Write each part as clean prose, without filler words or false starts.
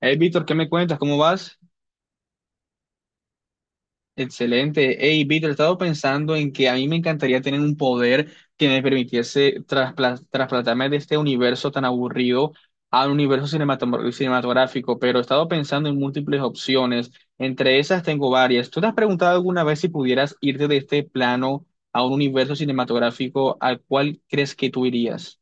Hey, Víctor, ¿qué me cuentas? ¿Cómo vas? Excelente. Hey, Víctor, he estado pensando en que a mí me encantaría tener un poder que me permitiese trasplantarme de este universo tan aburrido al universo cinematográfico, pero he estado pensando en múltiples opciones. Entre esas tengo varias. ¿Tú te has preguntado alguna vez si pudieras irte de este plano a un universo cinematográfico al cual crees que tú irías?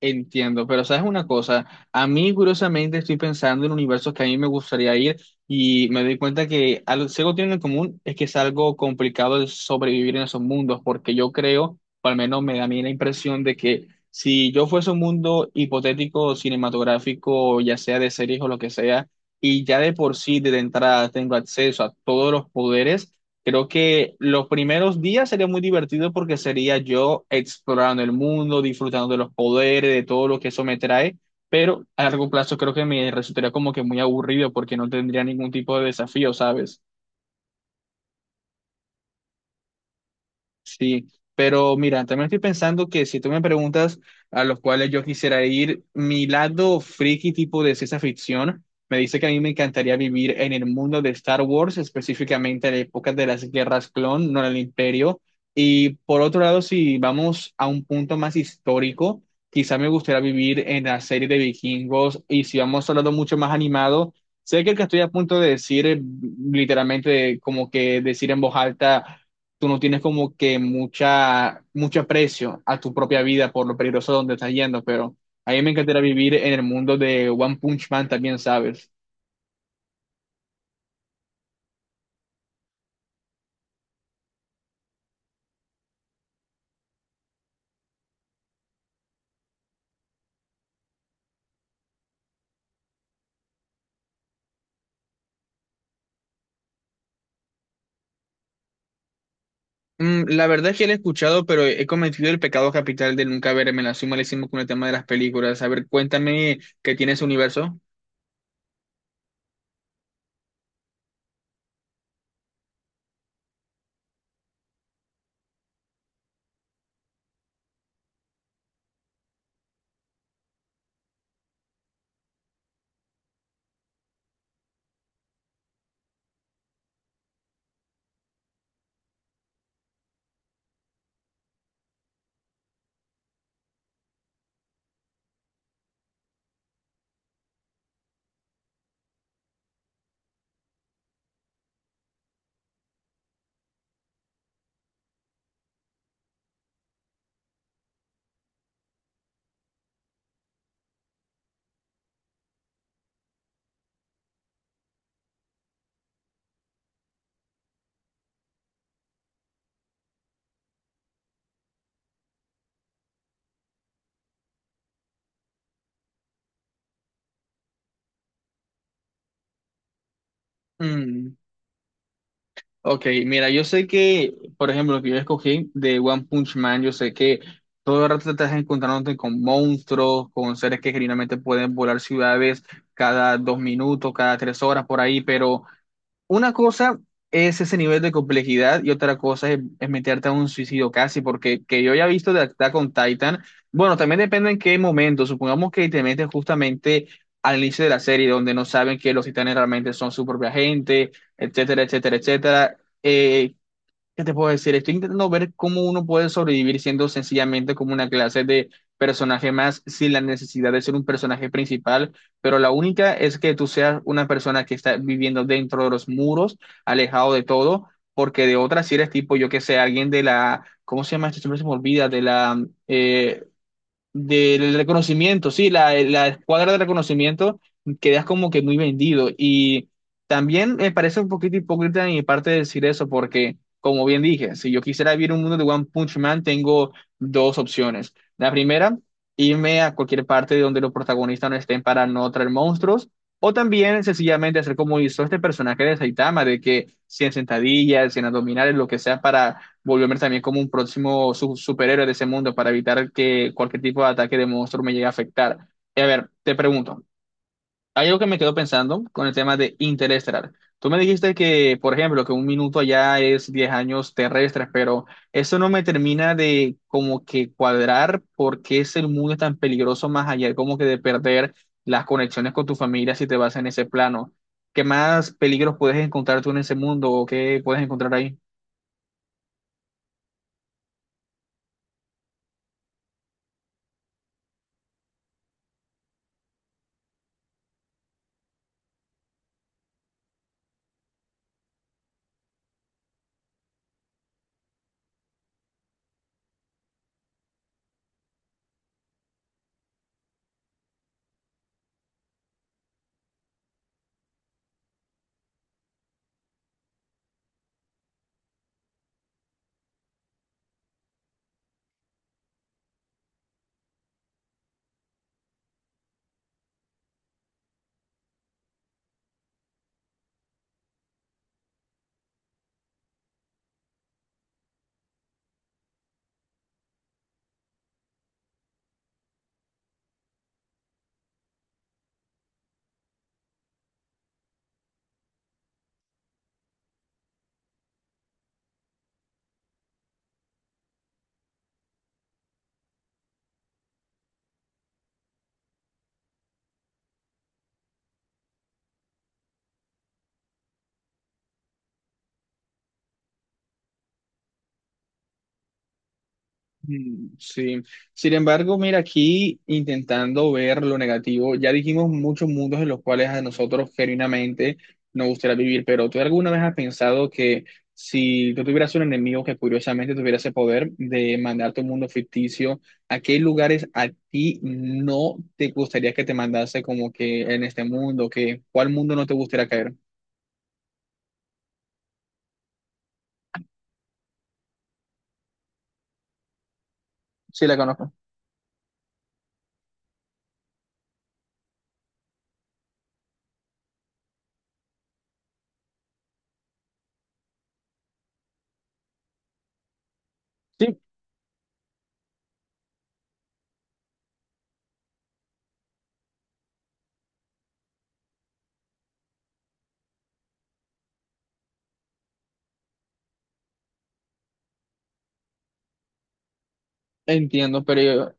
Entiendo, pero sabes una cosa, a mí curiosamente estoy pensando en universos que a mí me gustaría ir y me doy cuenta que si algo tienen en común es que es algo complicado de sobrevivir en esos mundos, porque yo creo, o al menos me da a mí la impresión de que si yo fuese un mundo hipotético, cinematográfico, ya sea de series o lo que sea, y ya de por sí desde entrada tengo acceso a todos los poderes, creo que los primeros días sería muy divertido porque sería yo explorando el mundo, disfrutando de los poderes, de todo lo que eso me trae, pero a largo plazo creo que me resultaría como que muy aburrido porque no tendría ningún tipo de desafío, ¿sabes? Sí, pero mira, también estoy pensando que si tú me preguntas a los cuales yo quisiera ir, mi lado friki tipo de ciencia ficción me dice que a mí me encantaría vivir en el mundo de Star Wars, específicamente en la época de las guerras clon, no en el Imperio. Y por otro lado, si vamos a un punto más histórico, quizá me gustaría vivir en la serie de vikingos. Y si vamos a un lado mucho más animado, sé que el que estoy a punto de decir, literalmente, como que decir en voz alta tú no tienes como que mucha, mucho aprecio a tu propia vida por lo peligroso donde estás yendo, pero a mí me encantaría vivir en el mundo de One Punch Man también, ¿sabes? La verdad es que lo he escuchado, pero he cometido el pecado capital de nunca verme. La soy malísimo con el tema de las películas. A ver, cuéntame qué tiene ese universo. Mm. Ok, mira, yo sé que, por ejemplo, lo que yo escogí de One Punch Man, yo sé que todo el rato te estás encontrándote con monstruos, con seres que generalmente pueden volar ciudades cada 2 minutos, cada 3 horas, por ahí, pero una cosa es ese nivel de complejidad y otra cosa es meterte a un suicidio casi, porque que yo ya he visto de Attack con Titan, bueno, también depende en qué momento, supongamos que te metes justamente al inicio de la serie donde no saben que los titanes realmente son su propia gente, etcétera, etcétera, etcétera. Eh, ¿Qué te puedo decir? Estoy intentando ver cómo uno puede sobrevivir siendo sencillamente como una clase de personaje más sin la necesidad de ser un personaje principal, pero la única es que tú seas una persona que está viviendo dentro de los muros, alejado de todo, porque de otras si eres tipo, yo que sé, alguien de la, ¿cómo se llama esto? Siempre se me olvida, de la del reconocimiento, sí, la escuadra de reconocimiento, quedas como que muy vendido. Y también me parece un poquito hipócrita de mi parte decir eso, porque, como bien dije, si yo quisiera vivir un mundo de One Punch Man, tengo dos opciones. La primera, irme a cualquier parte de donde los protagonistas no estén para no traer monstruos. O también sencillamente hacer como hizo este personaje de Saitama, de que 100 sentadillas, 100 abdominales, lo que sea para volverme también como un próximo superhéroe de ese mundo para evitar que cualquier tipo de ataque de monstruo me llegue a afectar. Y a ver, te pregunto, hay algo que me quedo pensando con el tema de Interestelar. Tú me dijiste que, por ejemplo, que un minuto allá es 10 años terrestres, pero eso no me termina de como que cuadrar por qué es el mundo tan peligroso más allá, como que de perder las conexiones con tu familia si te vas en ese plano. ¿Qué más peligros puedes encontrar tú en ese mundo o qué puedes encontrar ahí? Sí, sin embargo, mira, aquí intentando ver lo negativo, ya dijimos muchos mundos en los cuales a nosotros genuinamente nos gustaría vivir, pero ¿tú alguna vez has pensado que si tú tuvieras un enemigo que curiosamente tuviera ese poder de mandarte a un mundo ficticio, a qué lugares a ti no te gustaría que te mandase como que en este mundo? Que, ¿cuál mundo no te gustaría caer? Sí, la conozco. Sí, entiendo, pero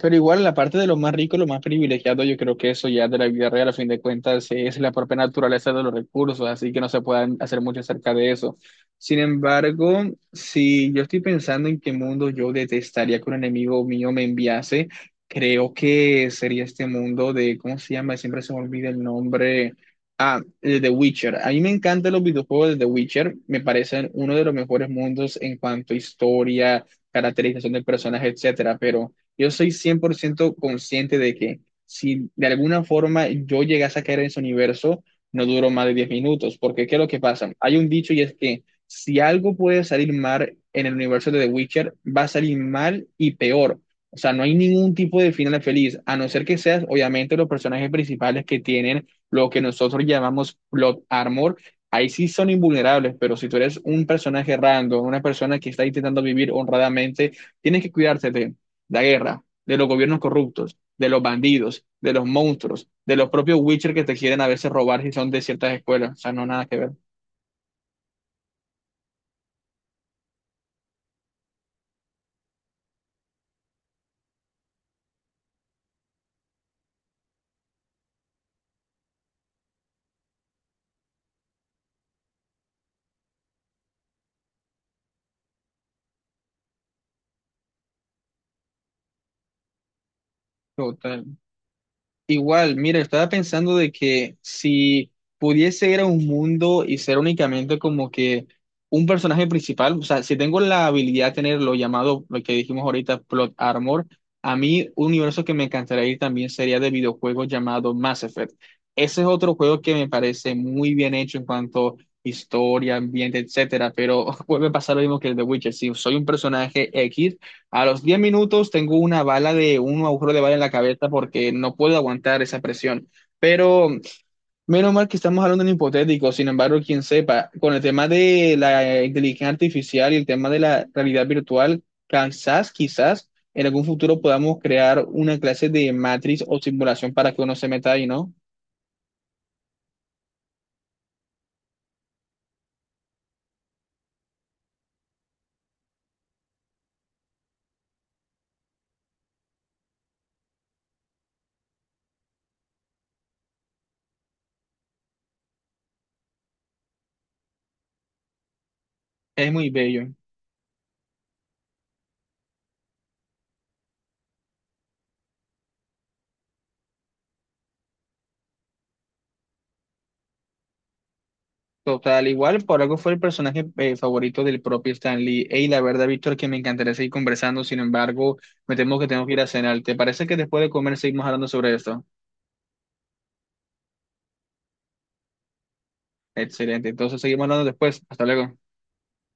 Igual la parte de lo más rico, lo más privilegiado, yo creo que eso ya de la vida real, a fin de cuentas, es la propia naturaleza de los recursos, así que no se pueden hacer mucho acerca de eso. Sin embargo, si yo estoy pensando en qué mundo yo detestaría que un enemigo mío me enviase, creo que sería este mundo de, ¿cómo se llama? Siempre se me olvida el nombre. Ah, el de The Witcher. A mí me encantan los videojuegos de The Witcher, me parecen uno de los mejores mundos en cuanto a historia, caracterización del personaje, etcétera, pero yo soy 100% consciente de que si de alguna forma yo llegase a caer en ese universo, no duró más de 10 minutos, porque ¿qué es lo que pasa? Hay un dicho y es que si algo puede salir mal en el universo de The Witcher, va a salir mal y peor. O sea, no hay ningún tipo de final feliz, a no ser que seas, obviamente, los personajes principales que tienen lo que nosotros llamamos plot armor. Ahí sí son invulnerables, pero si tú eres un personaje random, una persona que está intentando vivir honradamente, tienes que cuidarte la guerra, de los gobiernos corruptos, de los bandidos, de los monstruos, de los propios Witcher que te quieren a veces robar si son de ciertas escuelas. O sea, no nada que ver. Total. Igual, mira, estaba pensando de que si pudiese ir a un mundo y ser únicamente como que un personaje principal, o sea, si tengo la habilidad de tener lo llamado, lo que dijimos ahorita, plot armor, a mí un universo que me encantaría ir también sería de videojuegos llamado Mass Effect. Ese es otro juego que me parece muy bien hecho en cuanto a historia, ambiente, etcétera, pero vuelve a pasar lo mismo que el de Witcher. Si soy un personaje X, a los 10 minutos tengo una bala de un agujero de bala en la cabeza porque no puedo aguantar esa presión. Pero menos mal que estamos hablando de un hipotético, sin embargo, quien sepa, con el tema de la inteligencia artificial y el tema de la realidad virtual, quizás, quizás en algún futuro podamos crear una clase de matriz o simulación para que uno se meta ahí, ¿no? Es muy bello. Total, igual, por algo fue el personaje favorito del propio Stan Lee. Ey, la verdad, Víctor, que me encantaría seguir conversando, sin embargo, me temo que tengo que ir a cenar. ¿Te parece que después de comer seguimos hablando sobre esto? Excelente, entonces seguimos hablando después. Hasta luego.